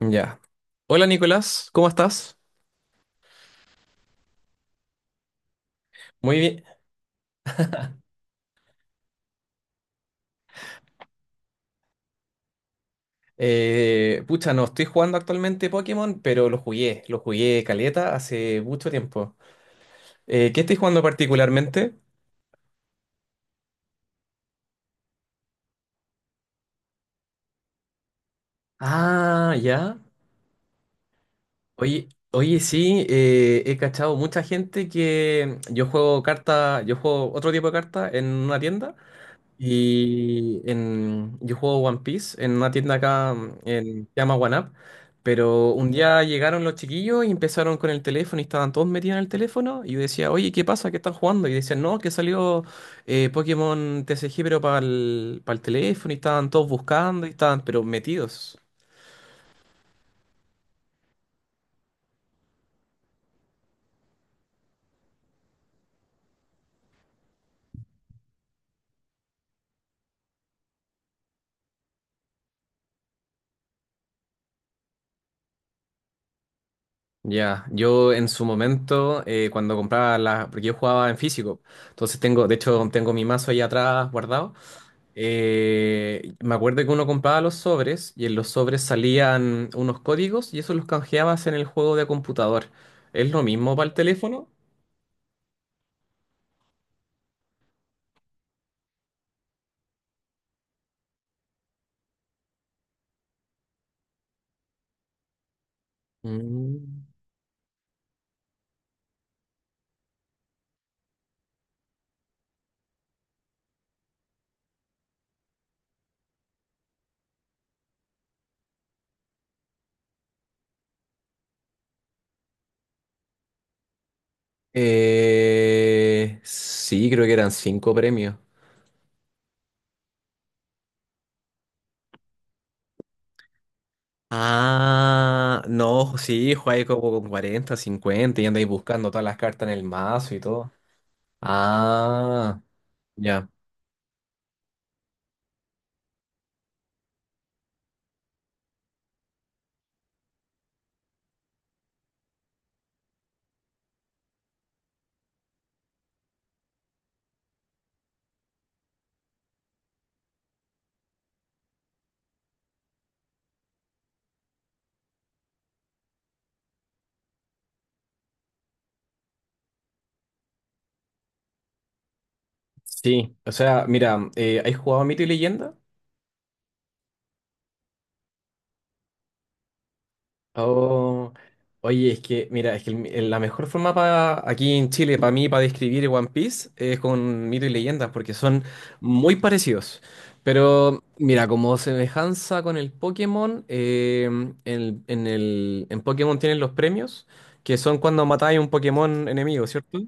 Ya. Hola Nicolás, ¿cómo estás? Muy bien. Pucha, no estoy jugando actualmente Pokémon, pero lo jugué caleta hace mucho tiempo. ¿Qué estoy jugando particularmente? Ah, ya. Oye, oye, sí, he cachado mucha gente que yo juego carta, yo juego otro tipo de carta en una tienda. Yo juego One Piece en una tienda acá, se llama One Up, pero un día llegaron los chiquillos y empezaron con el teléfono y estaban todos metidos en el teléfono y yo decía, oye, ¿qué pasa? ¿Qué están jugando? Y decían, no, que salió, Pokémon TCG, pero para el teléfono, y estaban todos buscando y estaban pero metidos. Ya. Yo en su momento, cuando compraba las, porque yo jugaba en físico, entonces tengo, de hecho tengo mi mazo ahí atrás guardado. Me acuerdo que uno compraba los sobres y en los sobres salían unos códigos y eso los canjeabas en el juego de computador. ¿Es lo mismo para el teléfono? Mm. Sí, creo que eran cinco premios. Ah, no, sí, jugáis como con 40, 50 y andáis buscando todas las cartas en el mazo y todo. Ah, ya. Sí, o sea, mira, ¿has jugado a Mito y Leyenda? Oh, oye, es que, mira, es que la mejor forma para aquí en Chile, para mí, para describir One Piece es con mito y leyendas, porque son muy parecidos. Pero, mira, como semejanza con el Pokémon, en Pokémon tienen los premios, que son cuando matáis un Pokémon enemigo, ¿cierto?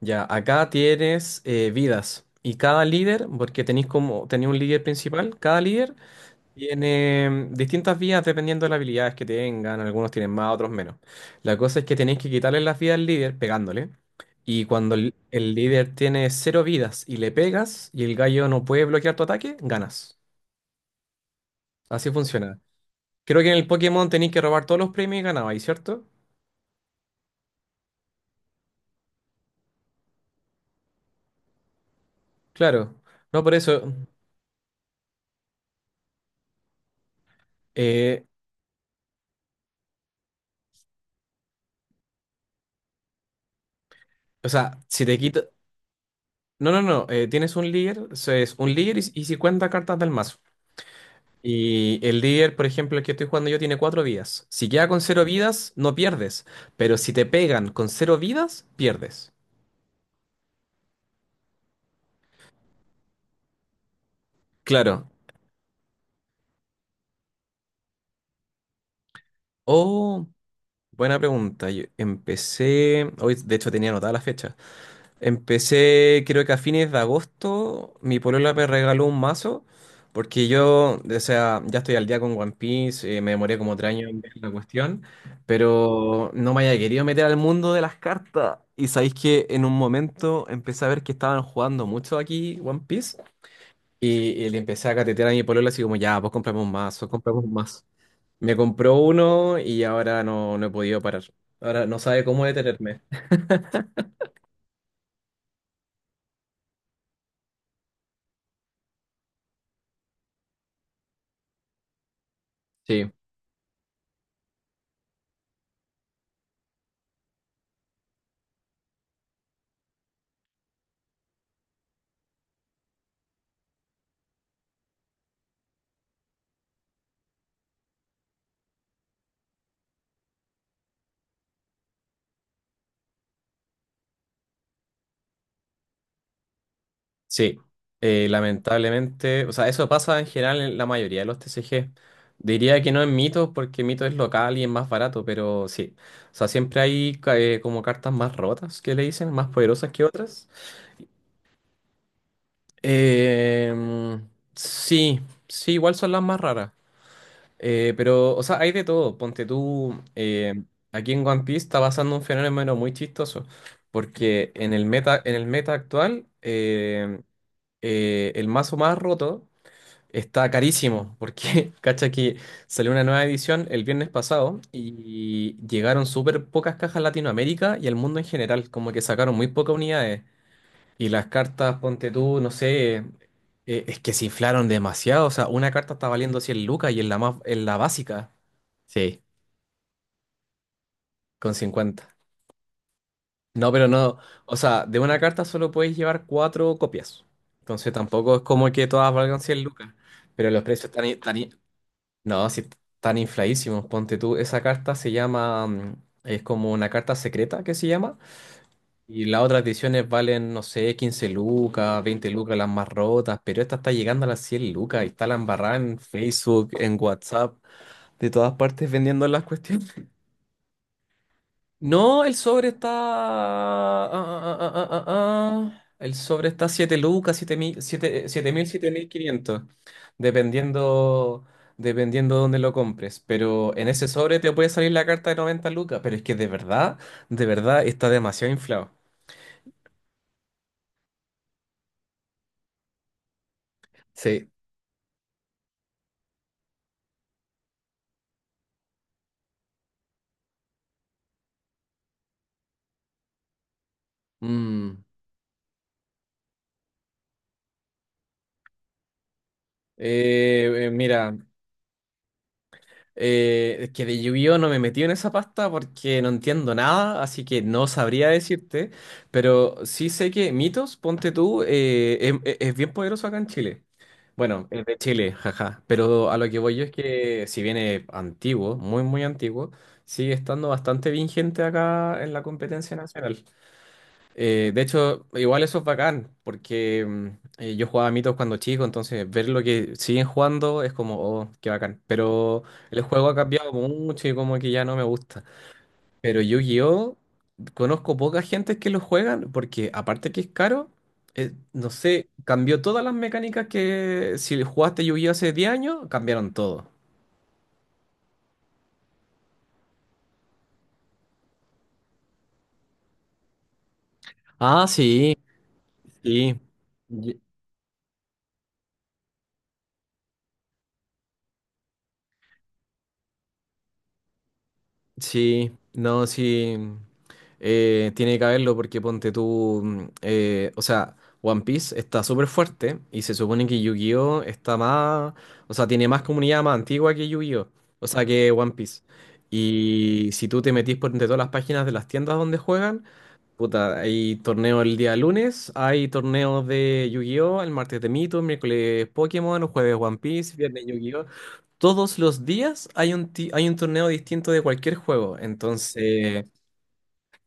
Ya, acá tienes, vidas. Y cada líder, porque tenéis un líder principal, cada líder tiene, distintas vías dependiendo de las habilidades que tengan, algunos tienen más, otros menos. La cosa es que tenéis que quitarle las vidas al líder pegándole. Y cuando el líder tiene cero vidas y le pegas y el gallo no puede bloquear tu ataque, ganas. Así funciona. Creo que en el Pokémon tenéis que robar todos los premios y ganabais, ¿cierto? Claro. No, por eso. eh, o sea, si te quito. No, no, no. Tienes un líder, eso es un líder, y 50 cartas del mazo. Y el líder, por ejemplo, el que estoy jugando yo, tiene cuatro vidas. Si queda con cero vidas, no pierdes. Pero si te pegan con cero vidas, pierdes. Claro. Oh, buena pregunta. Yo empecé. Hoy, de hecho, tenía anotada la fecha. Empecé, creo que a fines de agosto, mi polola me regaló un mazo, porque yo, o sea, ya estoy al día con One Piece, me demoré como 3 años en ver la cuestión, pero no me había querido meter al mundo de las cartas. Y sabéis que en un momento empecé a ver que estaban jugando mucho aquí One Piece, y, y le empecé a catetear a mi polola así como, ya, pues compramos un mazo, compramos un mazo. Me compró uno y ahora no, no he podido parar. Ahora no sabe cómo detenerme. Sí. Sí, lamentablemente, o sea, eso pasa en general en la mayoría de los TCG. Diría que no en Mito, porque Mito es local y es más barato, pero sí. O sea, siempre hay como cartas más rotas, que le dicen, más poderosas que otras. Em, sí, sí, igual son las más raras. Pero, o sea, hay de todo. Ponte tú, aquí en One Piece está pasando un fenómeno muy chistoso, porque en el meta actual, el mazo más roto está carísimo, porque cacha que salió una nueva edición el viernes pasado y llegaron súper pocas cajas a Latinoamérica y al mundo en general, como que sacaron muy pocas unidades. Y las cartas, ponte tú, no sé, es que se inflaron demasiado, o sea, una carta está valiendo 100 lucas y en la básica, sí, con cincuenta. No, pero no, o sea, de una carta solo puedes llevar cuatro copias, entonces tampoco es como que todas valgan 100 lucas, pero los precios no, si están infladísimos, ponte tú. Esa carta se llama, es como una carta secreta que se llama. Y las otras ediciones valen, no sé, 15 lucas, 20 lucas las más rotas, pero esta está llegando a las 100 lucas y está la embarrada en Facebook, en WhatsApp, de todas partes vendiendo las cuestiones. No, el sobre está. Ah. Ah. El sobre está 7 lucas, 7.000 7, 7.000, 7.500. Dependiendo, dependiendo dónde lo compres. Pero en ese sobre te puede salir la carta de 90 lucas. Pero es que de verdad está demasiado inflado. Sí. Mm. Mira. Es que de Yu-Gi-Oh no me metí en esa pasta porque no entiendo nada, así que no sabría decirte, pero sí sé que Mitos, ponte tú, es bien poderoso acá en Chile. Bueno, es de Chile, jaja, pero a lo que voy yo es que si viene antiguo, muy muy antiguo, sigue estando bastante vigente acá en la competencia nacional. De hecho, igual eso es bacán, porque yo jugaba mitos cuando chico, entonces ver lo que siguen jugando es como, oh, qué bacán. Pero el juego ha cambiado mucho y como que ya no me gusta. Pero Yu-Gi-Oh, conozco poca gente que lo juegan, porque aparte que es caro, no sé, cambió todas las mecánicas que si jugaste Yu-Gi-Oh hace 10 años, cambiaron todo. Ah, sí. Sí. Sí, no, sí, tiene que haberlo porque ponte tú, o sea, One Piece está súper fuerte y se supone que Yu-Gi-Oh está más, o sea, tiene más comunidad más antigua que Yu-Gi-Oh, o sea, que One Piece. Y si tú te metís por entre todas las páginas de las tiendas donde juegan, puta, hay torneo el día lunes, hay torneos de Yu-Gi-Oh el martes, de Mito miércoles, Pokémon jueves, One Piece viernes, Yu-Gi-Oh. Todos los días hay un torneo distinto de cualquier juego. Entonces,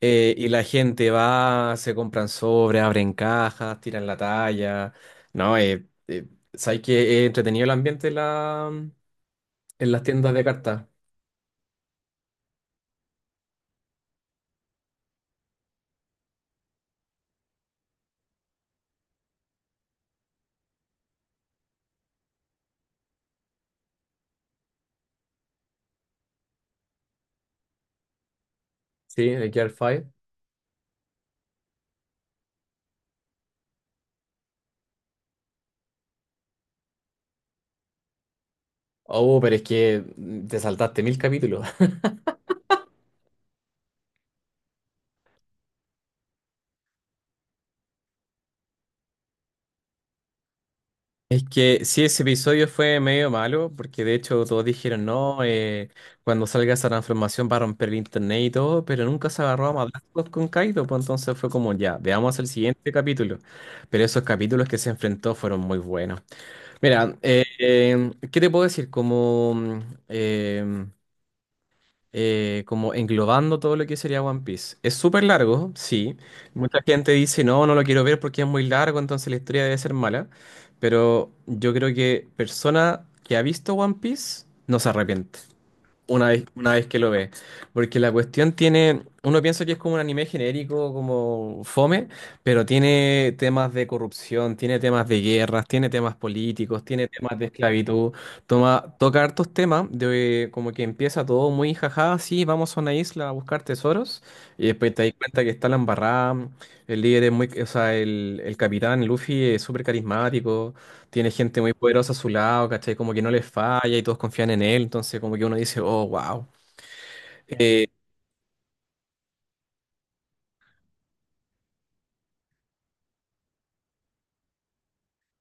y la gente va, se compran sobres, abren cajas, tiran la talla. No, sabes que es entretenido el ambiente en las tiendas de cartas, ¿sí? De Gear 5. Oh, pero es que te saltaste 1.000 capítulos. Es que sí, ese episodio fue medio malo, porque de hecho todos dijeron, no, cuando salga esa transformación va a romper el internet y todo, pero nunca se agarró a madrazos con Kaido, pues entonces fue como, ya, veamos el siguiente capítulo. Pero esos capítulos que se enfrentó fueron muy buenos. Mira, ¿qué te puedo decir? Eh, como englobando todo lo que sería One Piece. Es súper largo, sí. Mucha gente dice, no, no lo quiero ver porque es muy largo, entonces la historia debe ser mala. Pero yo creo que persona que ha visto One Piece no se arrepiente una vez que lo ve. Porque la cuestión tiene, uno piensa que es como un anime genérico, como fome, pero tiene temas de corrupción, tiene temas de guerras, tiene temas políticos, tiene temas de esclavitud, toca hartos temas, de como que empieza todo muy jajá, sí, vamos a una isla a buscar tesoros, y después te das cuenta que está la embarrada, el líder es muy, o sea, el capitán Luffy es súper carismático, tiene gente muy poderosa a su lado, ¿cachai? Como que no les falla y todos confían en él, entonces como que uno dice, oh, wow. Eh,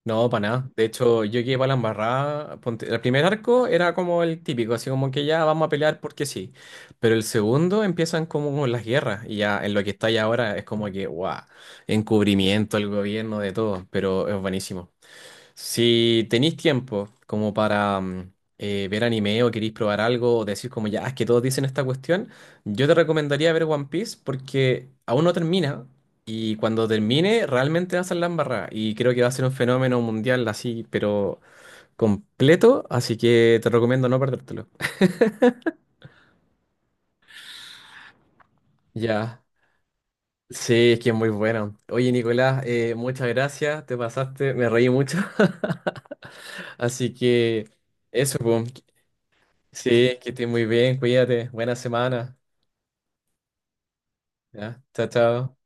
no, para nada. De hecho, yo llegué para la embarrada. El primer arco era como el típico, así como que ya vamos a pelear porque sí. Pero el segundo empiezan como con las guerras y ya en lo que está ahí ahora es como que, wow, encubrimiento al gobierno de todo, pero es buenísimo. Si tenéis tiempo como para ver anime o queréis probar algo o decir como, ya, es que todos dicen esta cuestión, yo te recomendaría ver One Piece porque aún no termina y cuando termine realmente va a ser la embarrada y creo que va a ser un fenómeno mundial así, pero completo, así que te recomiendo no perdértelo. Ya. Sí, es que es muy bueno. Oye, Nicolás, muchas gracias, te pasaste, me reí mucho. Así que eso, po. Sí, que estés muy bien, cuídate, buena semana. Ya, chao, chao.